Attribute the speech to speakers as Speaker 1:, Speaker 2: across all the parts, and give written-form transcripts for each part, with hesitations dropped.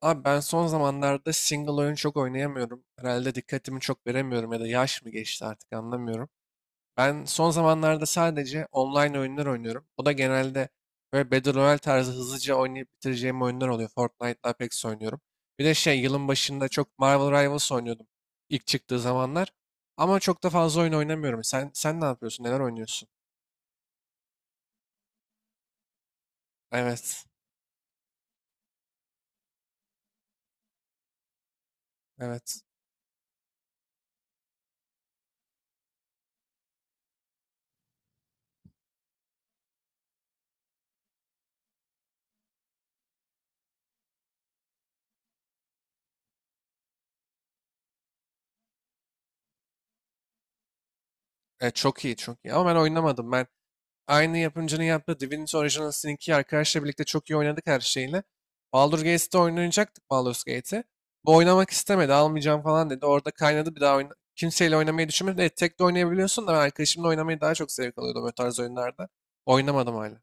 Speaker 1: Abi ben son zamanlarda single oyun çok oynayamıyorum. Herhalde dikkatimi çok veremiyorum ya da yaş mı geçti artık anlamıyorum. Ben son zamanlarda sadece online oyunlar oynuyorum. O da genelde böyle Battle Royale tarzı hızlıca oynayıp bitireceğim oyunlar oluyor. Fortnite'la Apex oynuyorum. Bir de şey yılın başında çok Marvel Rivals oynuyordum ilk çıktığı zamanlar. Ama çok da fazla oyun oynamıyorum. Sen ne yapıyorsun? Neler oynuyorsun? Evet. Evet. Çok iyi, çok iyi. Ama ben oynamadım. Ben aynı yapımcının yaptığı Divinity Original Sin 2'yi arkadaşla birlikte çok iyi oynadık her şeyle. Baldur's Gate'de oynayacaktık Baldur's Gate'i. Bu oynamak istemedi, almayacağım falan dedi. Orada kaynadı bir daha kimseyle oynamayı düşünmedim. Evet, tek de oynayabiliyorsun da ben arkadaşımla oynamayı daha çok zevk alıyordum o tarz oyunlarda. Oynamadım hala.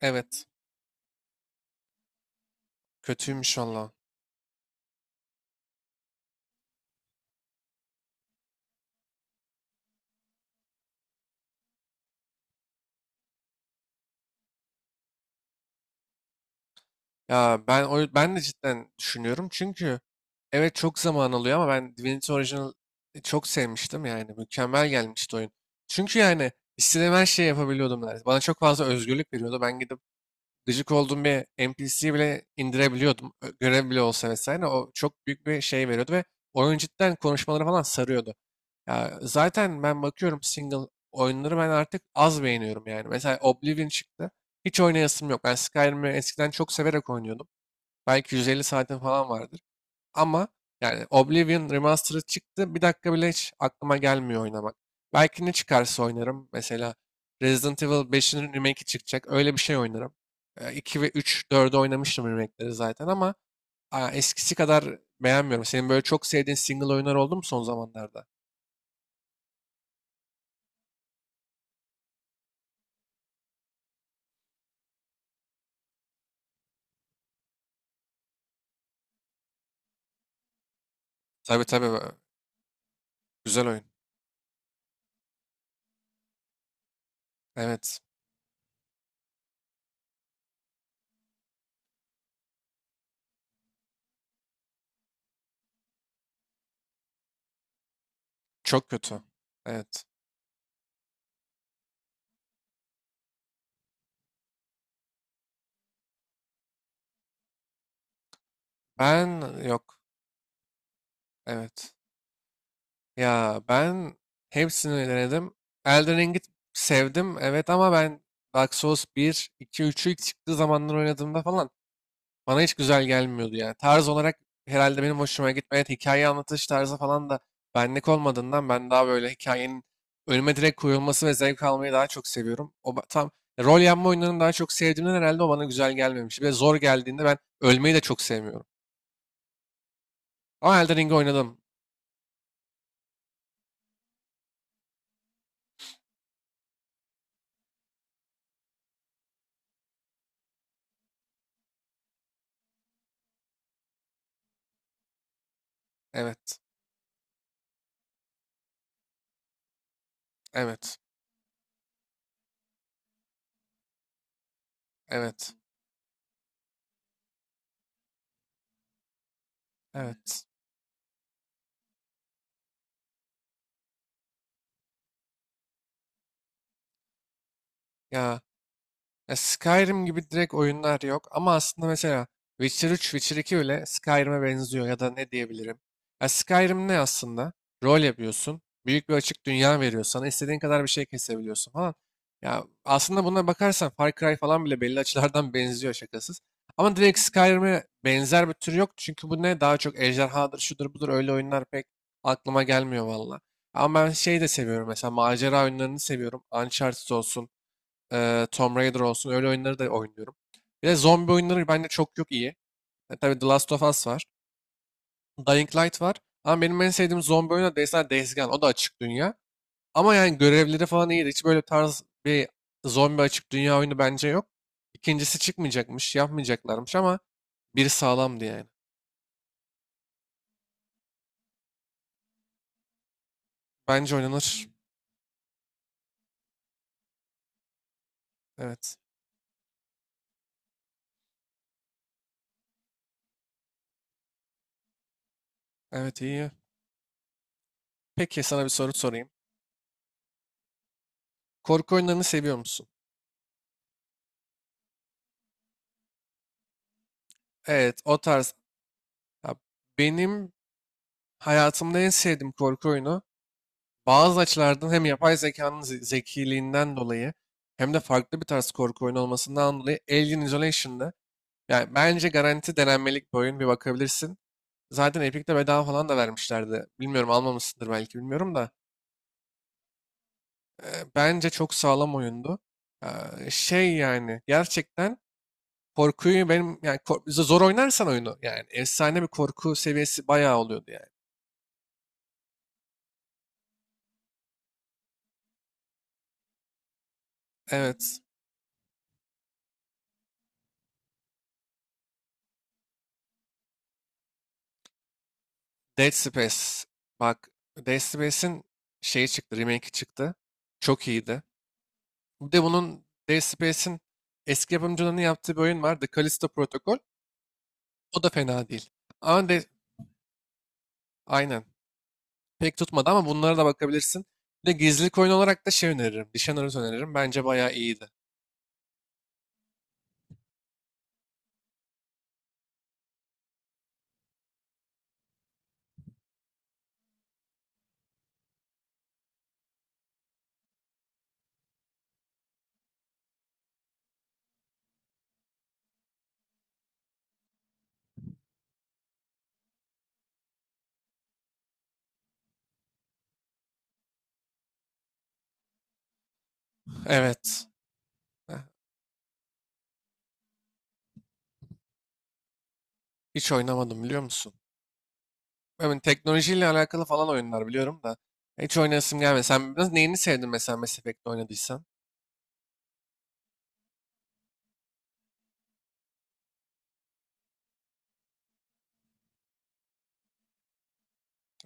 Speaker 1: Evet, kötüymüş valla. Ya ben de cidden düşünüyorum çünkü evet çok zaman alıyor ama ben Divinity Original çok sevmiştim yani mükemmel gelmişti oyun. Çünkü yani istediğim her şeyi yapabiliyordum neredeyse. Bana çok fazla özgürlük veriyordu. Ben gidip gıcık olduğum bir NPC'yi bile indirebiliyordum. Görev bile olsa vesaire. O çok büyük bir şey veriyordu ve oyun cidden konuşmaları falan sarıyordu. Ya zaten ben bakıyorum single oyunları ben artık az beğeniyorum yani. Mesela Oblivion çıktı. Hiç oynayasım yok. Ben Skyrim'i eskiden çok severek oynuyordum. Belki 150 saatin falan vardır. Ama yani Oblivion Remastered çıktı. Bir dakika bile hiç aklıma gelmiyor oynamak. Belki ne çıkarsa oynarım. Mesela Resident Evil 5'in remake'i çıkacak. Öyle bir şey oynarım. 2 ve 3 dördü oynamıştım remake'leri zaten ama eskisi kadar beğenmiyorum. Senin böyle çok sevdiğin single oyunlar oldu mu son zamanlarda? Tabii tabii. Güzel oyun. Evet. Çok kötü. Evet. Ben yok. Evet. Ya ben hepsini denedim. Elden Ring'i sevdim evet ama ben Dark Souls bir, 2, üçü ilk çıktığı zamanlar oynadığımda falan bana hiç güzel gelmiyordu yani. Tarz olarak herhalde benim hoşuma gitmedi. Hikaye anlatış tarzı falan da benlik olmadığından ben daha böyle hikayenin önüme direkt koyulması ve zevk almayı daha çok seviyorum. O tam rol yapma oyunlarını daha çok sevdiğimden herhalde o bana güzel gelmemiş. Bir de zor geldiğinde ben ölmeyi de çok sevmiyorum. Ama Elden Ring'i oynadım. Evet, evet, evet, evet. Ya. Ya Skyrim gibi direkt oyunlar yok ama aslında mesela Witcher üç, Witcher 2 bile Skyrim'e benziyor ya da ne diyebilirim. Ya Skyrim ne aslında? Rol yapıyorsun. Büyük bir açık dünya veriyor sana. İstediğin kadar bir şey kesebiliyorsun falan. Ya aslında buna bakarsan Far Cry falan bile belli açılardan benziyor şakasız. Ama direkt Skyrim'e benzer bir tür yok. Çünkü bu ne? Daha çok ejderhadır, şudur budur öyle oyunlar pek aklıma gelmiyor valla. Ama ben şey de seviyorum mesela macera oyunlarını seviyorum. Uncharted olsun. Tomb Raider olsun öyle oyunları da oynuyorum. Bir de zombi oyunları bende çok yok iyi. Tabii The Last of Us var. Dying Light var. Ama benim en sevdiğim zombi oyunu da mesela Days Gone. O da açık dünya. Ama yani görevleri falan iyiydi. Hiç böyle tarz bir zombi açık dünya oyunu bence yok. İkincisi çıkmayacakmış, yapmayacaklarmış ama biri sağlamdı yani. Bence oynanır. Evet. Evet iyi. Peki sana bir soru sorayım. Korku oyunlarını seviyor musun? Evet, o tarz. Ya benim hayatımda en sevdiğim korku oyunu bazı açılardan hem yapay zekanın zekiliğinden dolayı hem de farklı bir tarz korku oyunu olmasından dolayı Alien Isolation'da yani bence garanti denenmelik bir oyun bir bakabilirsin. Zaten Epic'te bedava falan da vermişlerdi. Bilmiyorum almamışsındır belki bilmiyorum da. e, bence çok sağlam oyundu. Şey yani gerçekten korkuyu benim yani zor oynarsan oyunu yani efsane bir korku seviyesi bayağı oluyordu yani. Evet. Dead Space. Bak Dead Space'in şeyi çıktı. Remake'i çıktı. Çok iyiydi. Bir de bunun Dead Space'in eski yapımcılarının yaptığı bir oyun var. The Callisto Protocol. O da fena değil. Ama aynen. Pek tutmadı ama bunlara da bakabilirsin. Bir de gizlilik oyunu olarak da şey öneririm. Dishonored öneririm. Bence bayağı iyiydi. Evet. Heh. Hiç oynamadım biliyor musun? Ben teknolojiyle alakalı falan oyunlar biliyorum da. Hiç oynayasım gelmedi. Sen biraz neyini sevdin mesela Mass Effect'te oynadıysan?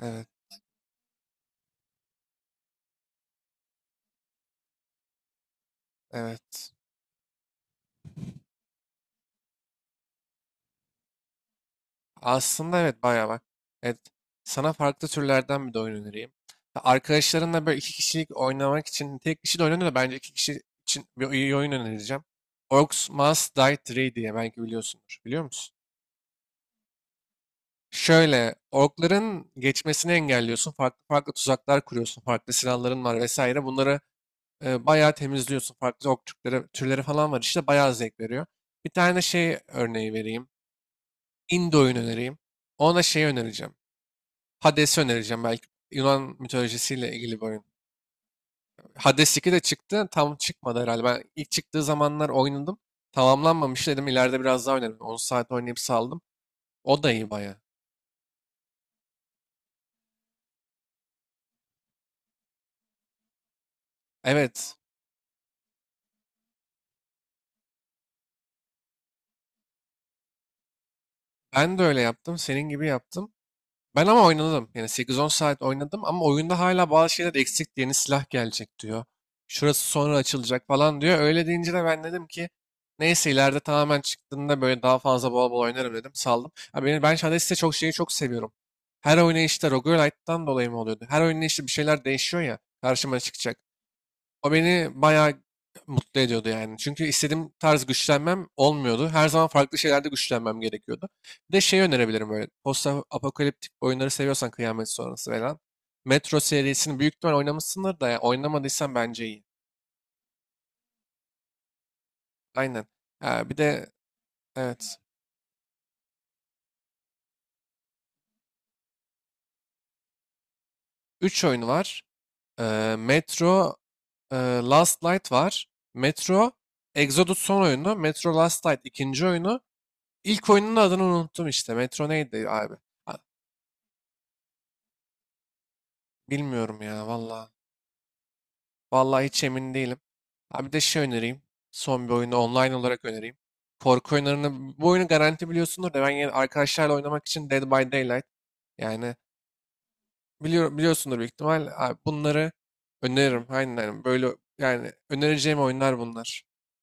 Speaker 1: Evet, evet. Aslında evet bayağı bak. Evet, sana farklı türlerden bir de oyun önereyim. Arkadaşlarınla böyle iki kişilik oynamak için tek kişi de oynanıyor da bence iki kişi için bir iyi oyun önereceğim. Orcs Must Die 3 diye belki biliyorsundur. Biliyor musun? Şöyle orkların geçmesini engelliyorsun. Farklı farklı tuzaklar kuruyorsun. Farklı silahların var vesaire. Bunları bayağı temizliyorsun. Farklı ork türleri falan var işte. Bayağı zevk veriyor. Bir tane şey örneği vereyim. Indie oyun önereyim. Ona şey önereceğim. Hades'i önereceğim belki. Yunan mitolojisiyle ilgili bir oyun. Hades 2 de çıktı. Tam çıkmadı herhalde. Ben ilk çıktığı zamanlar oynadım. Tamamlanmamış dedim. İleride biraz daha oynarım. 10 saat oynayıp saldım. O da iyi baya. Evet. Ben de öyle yaptım. Senin gibi yaptım. Ben ama oynadım. Yani 8-10 saat oynadım ama oyunda hala bazı şeyler eksik. Yeni silah gelecek diyor. Şurası sonra açılacak falan diyor. Öyle deyince de ben dedim ki neyse ileride tamamen çıktığında böyle daha fazla bol bol oynarım dedim. Saldım. Ha, ben Shadows'te çok şeyi çok seviyorum. Her oynayışta Roguelite'dan dolayı mı oluyordu? Her oynayışta bir şeyler değişiyor ya. Karşıma çıkacak. O beni bayağı mutlu ediyordu yani. Çünkü istediğim tarz güçlenmem olmuyordu. Her zaman farklı şeylerde güçlenmem gerekiyordu. Bir de şey önerebilirim böyle. Post apokaliptik oyunları seviyorsan kıyamet sonrası falan. Metro serisini büyük ihtimal oynamışsındır da ya oynamadıysan bence iyi. Aynen. Ha, bir de evet. Üç oyun var. Metro e, Last Light var. Metro Exodus son oyunu. Metro Last Light ikinci oyunu. İlk oyunun adını unuttum işte. Metro neydi abi? Bilmiyorum ya valla. Valla hiç emin değilim. Ha bir de şey önereyim. Son bir oyunu online olarak önereyim. Korku oyunlarını, bu oyunu garanti biliyorsundur da ben yine arkadaşlarla oynamak için Dead by Daylight. Yani biliyorsundur büyük ihtimal. Abi bunları öneririm. Aynen, aynen. Böyle yani önereceğim oyunlar bunlar.